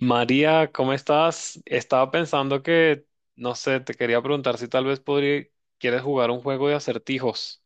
María, ¿cómo estás? Estaba pensando que, no sé, te quería preguntar si tal vez podría, quieres jugar un juego de acertijos.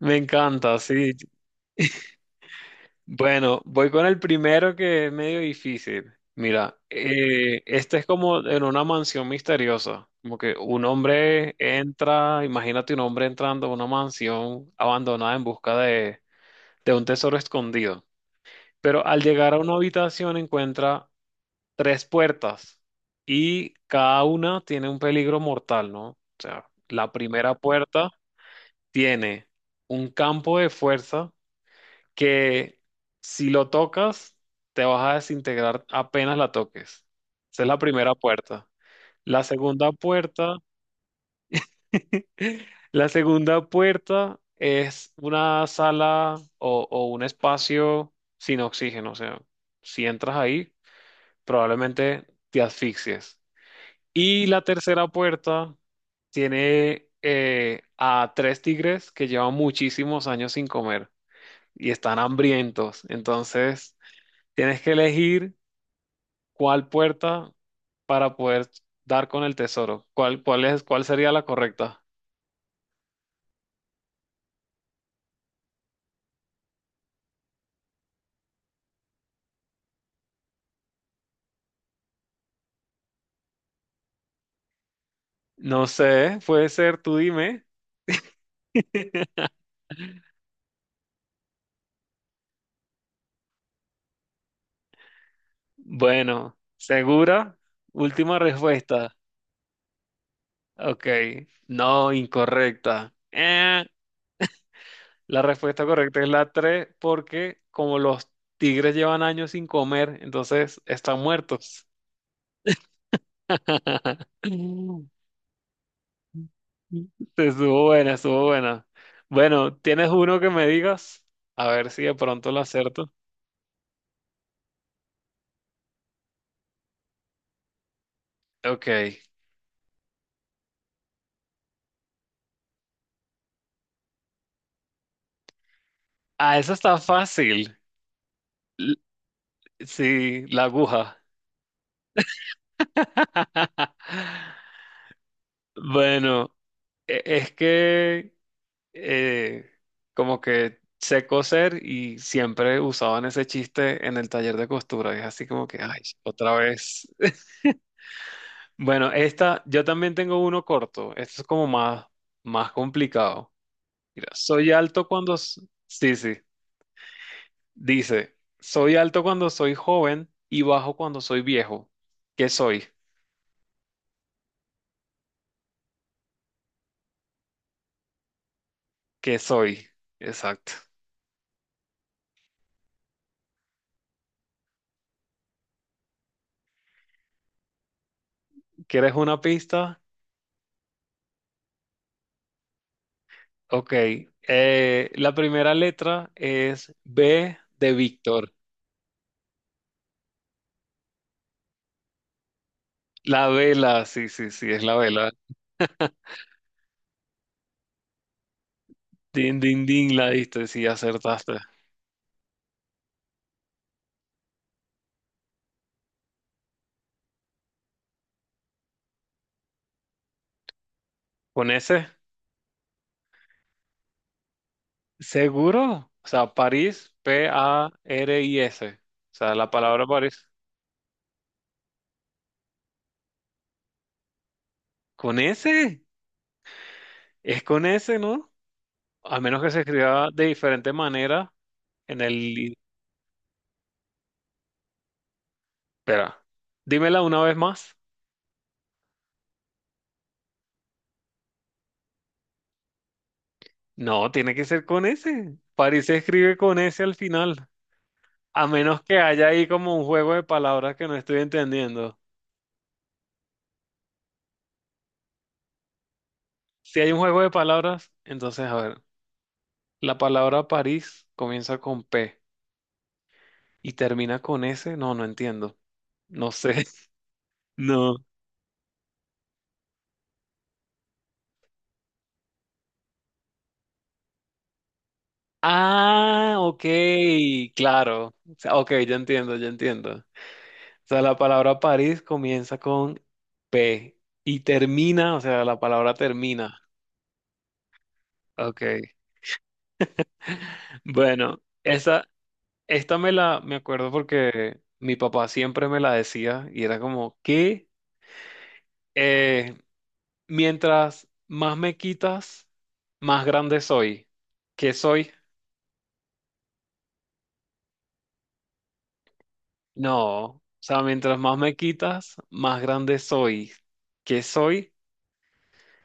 Me encanta, sí. Bueno, voy con el primero que es medio difícil. Mira, este es como en una mansión misteriosa, como que un hombre entra, imagínate un hombre entrando a una mansión abandonada en busca de un tesoro escondido. Pero al llegar a una habitación encuentra tres puertas y cada una tiene un peligro mortal, ¿no? O sea, la primera puerta tiene un campo de fuerza que si lo tocas te vas a desintegrar apenas la toques. Esa es la primera puerta. La segunda puerta, la segunda puerta es una sala o un espacio sin oxígeno, o sea, si entras ahí probablemente te asfixies. Y la tercera puerta tiene a tres tigres que llevan muchísimos años sin comer y están hambrientos. Entonces, tienes que elegir cuál puerta para poder dar con el tesoro. ¿Cuál sería la correcta? No sé, puede ser, tú dime. Bueno, ¿segura? Última respuesta. Ok, no, incorrecta. La respuesta correcta es la 3 porque como los tigres llevan años sin comer, entonces están muertos. Mm. Estuvo buena, estuvo buena. Bueno, ¿tienes uno que me digas? A ver si de pronto lo acierto. Ok. Ah, eso está fácil. L- sí, la aguja. Bueno, es que eh, como que sé coser y siempre usaban ese chiste en el taller de costura. Y es así como que, ay, sí, otra vez. Bueno, esta, yo también tengo uno corto. Esto es como más, más complicado. Mira, soy alto cuando... Sí, sí. Dice, soy alto cuando soy joven y bajo cuando soy viejo. ¿Qué soy? ¿Qué soy? Exacto. ¿Quieres una pista? Ok. La primera letra es B de Víctor. La vela, sí, sí, sí, es la vela. Din, din, din, la diste, sí, acertaste. ¿Con ese? ¿Seguro? O sea, París, PARIS. O sea, la palabra París. ¿Con ese? Es con ese, ¿no? A menos que se escriba de diferente manera en el... Espera, dímela una vez más. No, tiene que ser con ese. París se escribe con ese al final. A menos que haya ahí como un juego de palabras que no estoy entendiendo. Si hay un juego de palabras, entonces, a ver. La palabra París comienza con P y termina con S. No, no entiendo. No sé. No. Ah, ok, claro. O sea, ok, ya entiendo, ya entiendo. O sea, la palabra París comienza con P y termina, o sea, la palabra termina. Ok. Bueno, esa, esta me acuerdo porque mi papá siempre me la decía y era como, ¿qué? Eh, Mientras más me quitas, más grande soy. ¿Qué soy? No. O sea, mientras más me quitas, más grande soy. ¿Qué soy?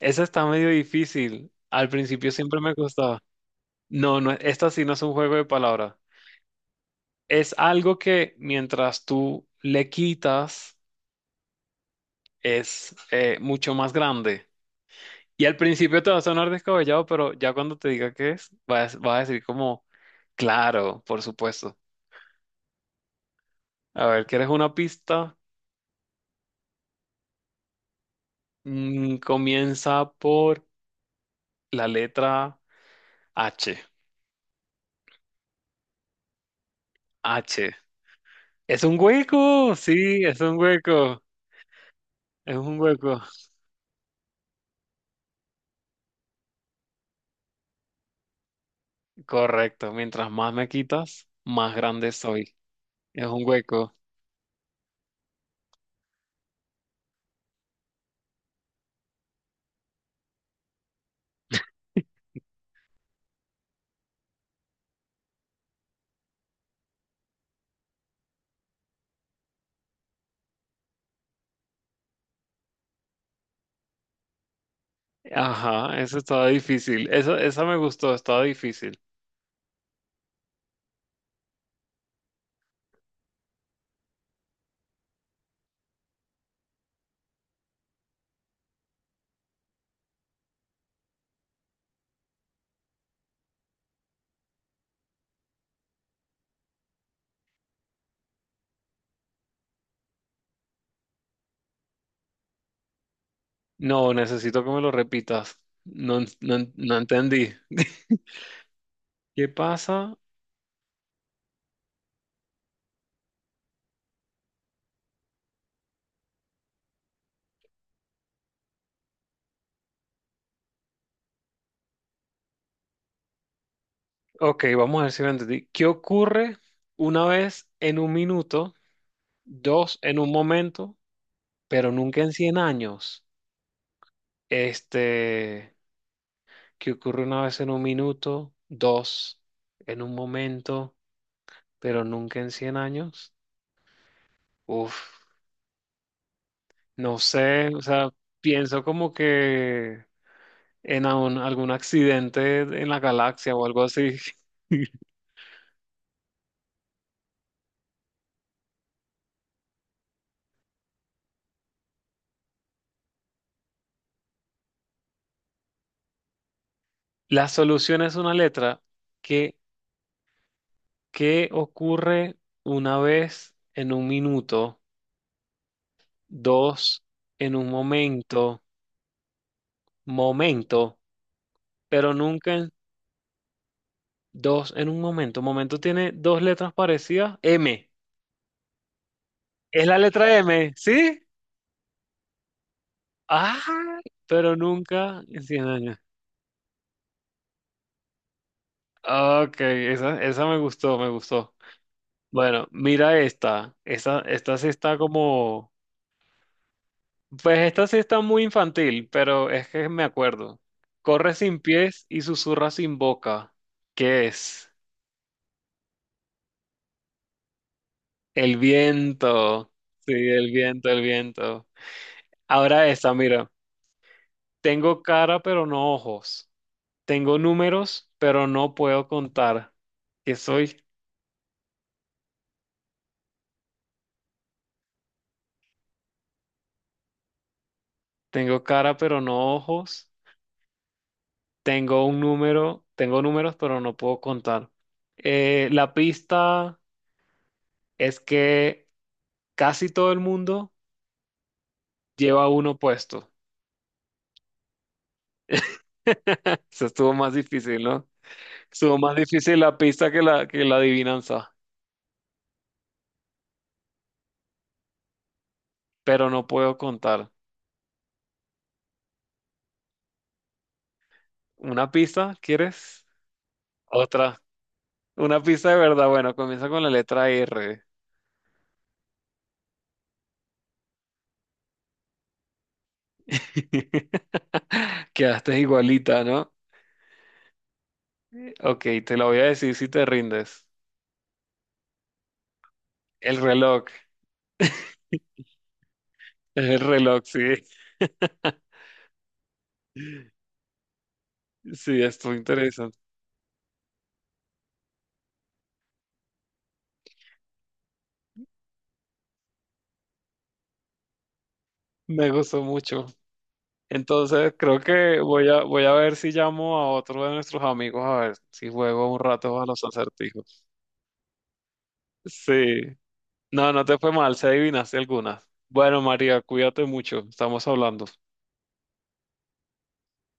Esa está medio difícil. Al principio siempre me costaba. No, no, esta sí no es un juego de palabras. Es algo que mientras tú le quitas, es mucho más grande. Y al principio te va a sonar descabellado, pero ya cuando te diga qué es, vas a decir como, claro, por supuesto. A ver, ¿quieres una pista? Mm, comienza por la letra H. H. Es un hueco, sí, es un hueco, es un hueco. Correcto, mientras más me quitas, más grande soy. Es un hueco. Ajá, eso estaba difícil. Eso, esa me gustó, estaba difícil. No, necesito que me lo repitas. No entendí. ¿Qué pasa? Ok, vamos a ver si lo entendí. ¿Qué ocurre una vez en un minuto? Dos en un momento, pero nunca en 100 años. Este, que ocurre una vez en un minuto, dos en un momento, pero nunca en 100 años. Uf, no sé, o sea, pienso como que en algún accidente en la galaxia o algo así. La solución es una letra que, que ocurre una vez en un minuto, dos en un momento, pero nunca en dos en un momento. Momento tiene dos letras parecidas. M. Es la letra M, ¿sí? Ah, pero nunca en 100 años. Ok, esa me gustó, me gustó. Bueno, mira esta. Esta sí está como... Pues esta sí está muy infantil, pero es que me acuerdo. Corre sin pies y susurra sin boca. ¿Qué es? El viento. Sí, el viento, el viento. Ahora esta, mira. Tengo cara, pero no ojos. Tengo números, pero no puedo contar. ¿Qué soy? Tengo cara, pero no ojos. Tengo números, pero no puedo contar. La pista es que casi todo el mundo lleva uno puesto. Eso estuvo más difícil, ¿no? Estuvo más difícil la pista que que la adivinanza, pero no puedo contar. ¿Una pista? ¿Quieres? Otra. Una pista de verdad. Bueno, comienza con la letra R. Quedaste igualita, ¿no? Ok, te lo voy a decir si te rindes. El reloj, es el reloj, sí. Sí, estuvo interesante. Me gustó mucho. Entonces, creo que voy a, voy a ver si llamo a otro de nuestros amigos a ver si juego un rato a los acertijos. Sí. No, no te fue mal, se adivinaste algunas. Bueno, María, cuídate mucho. Estamos hablando.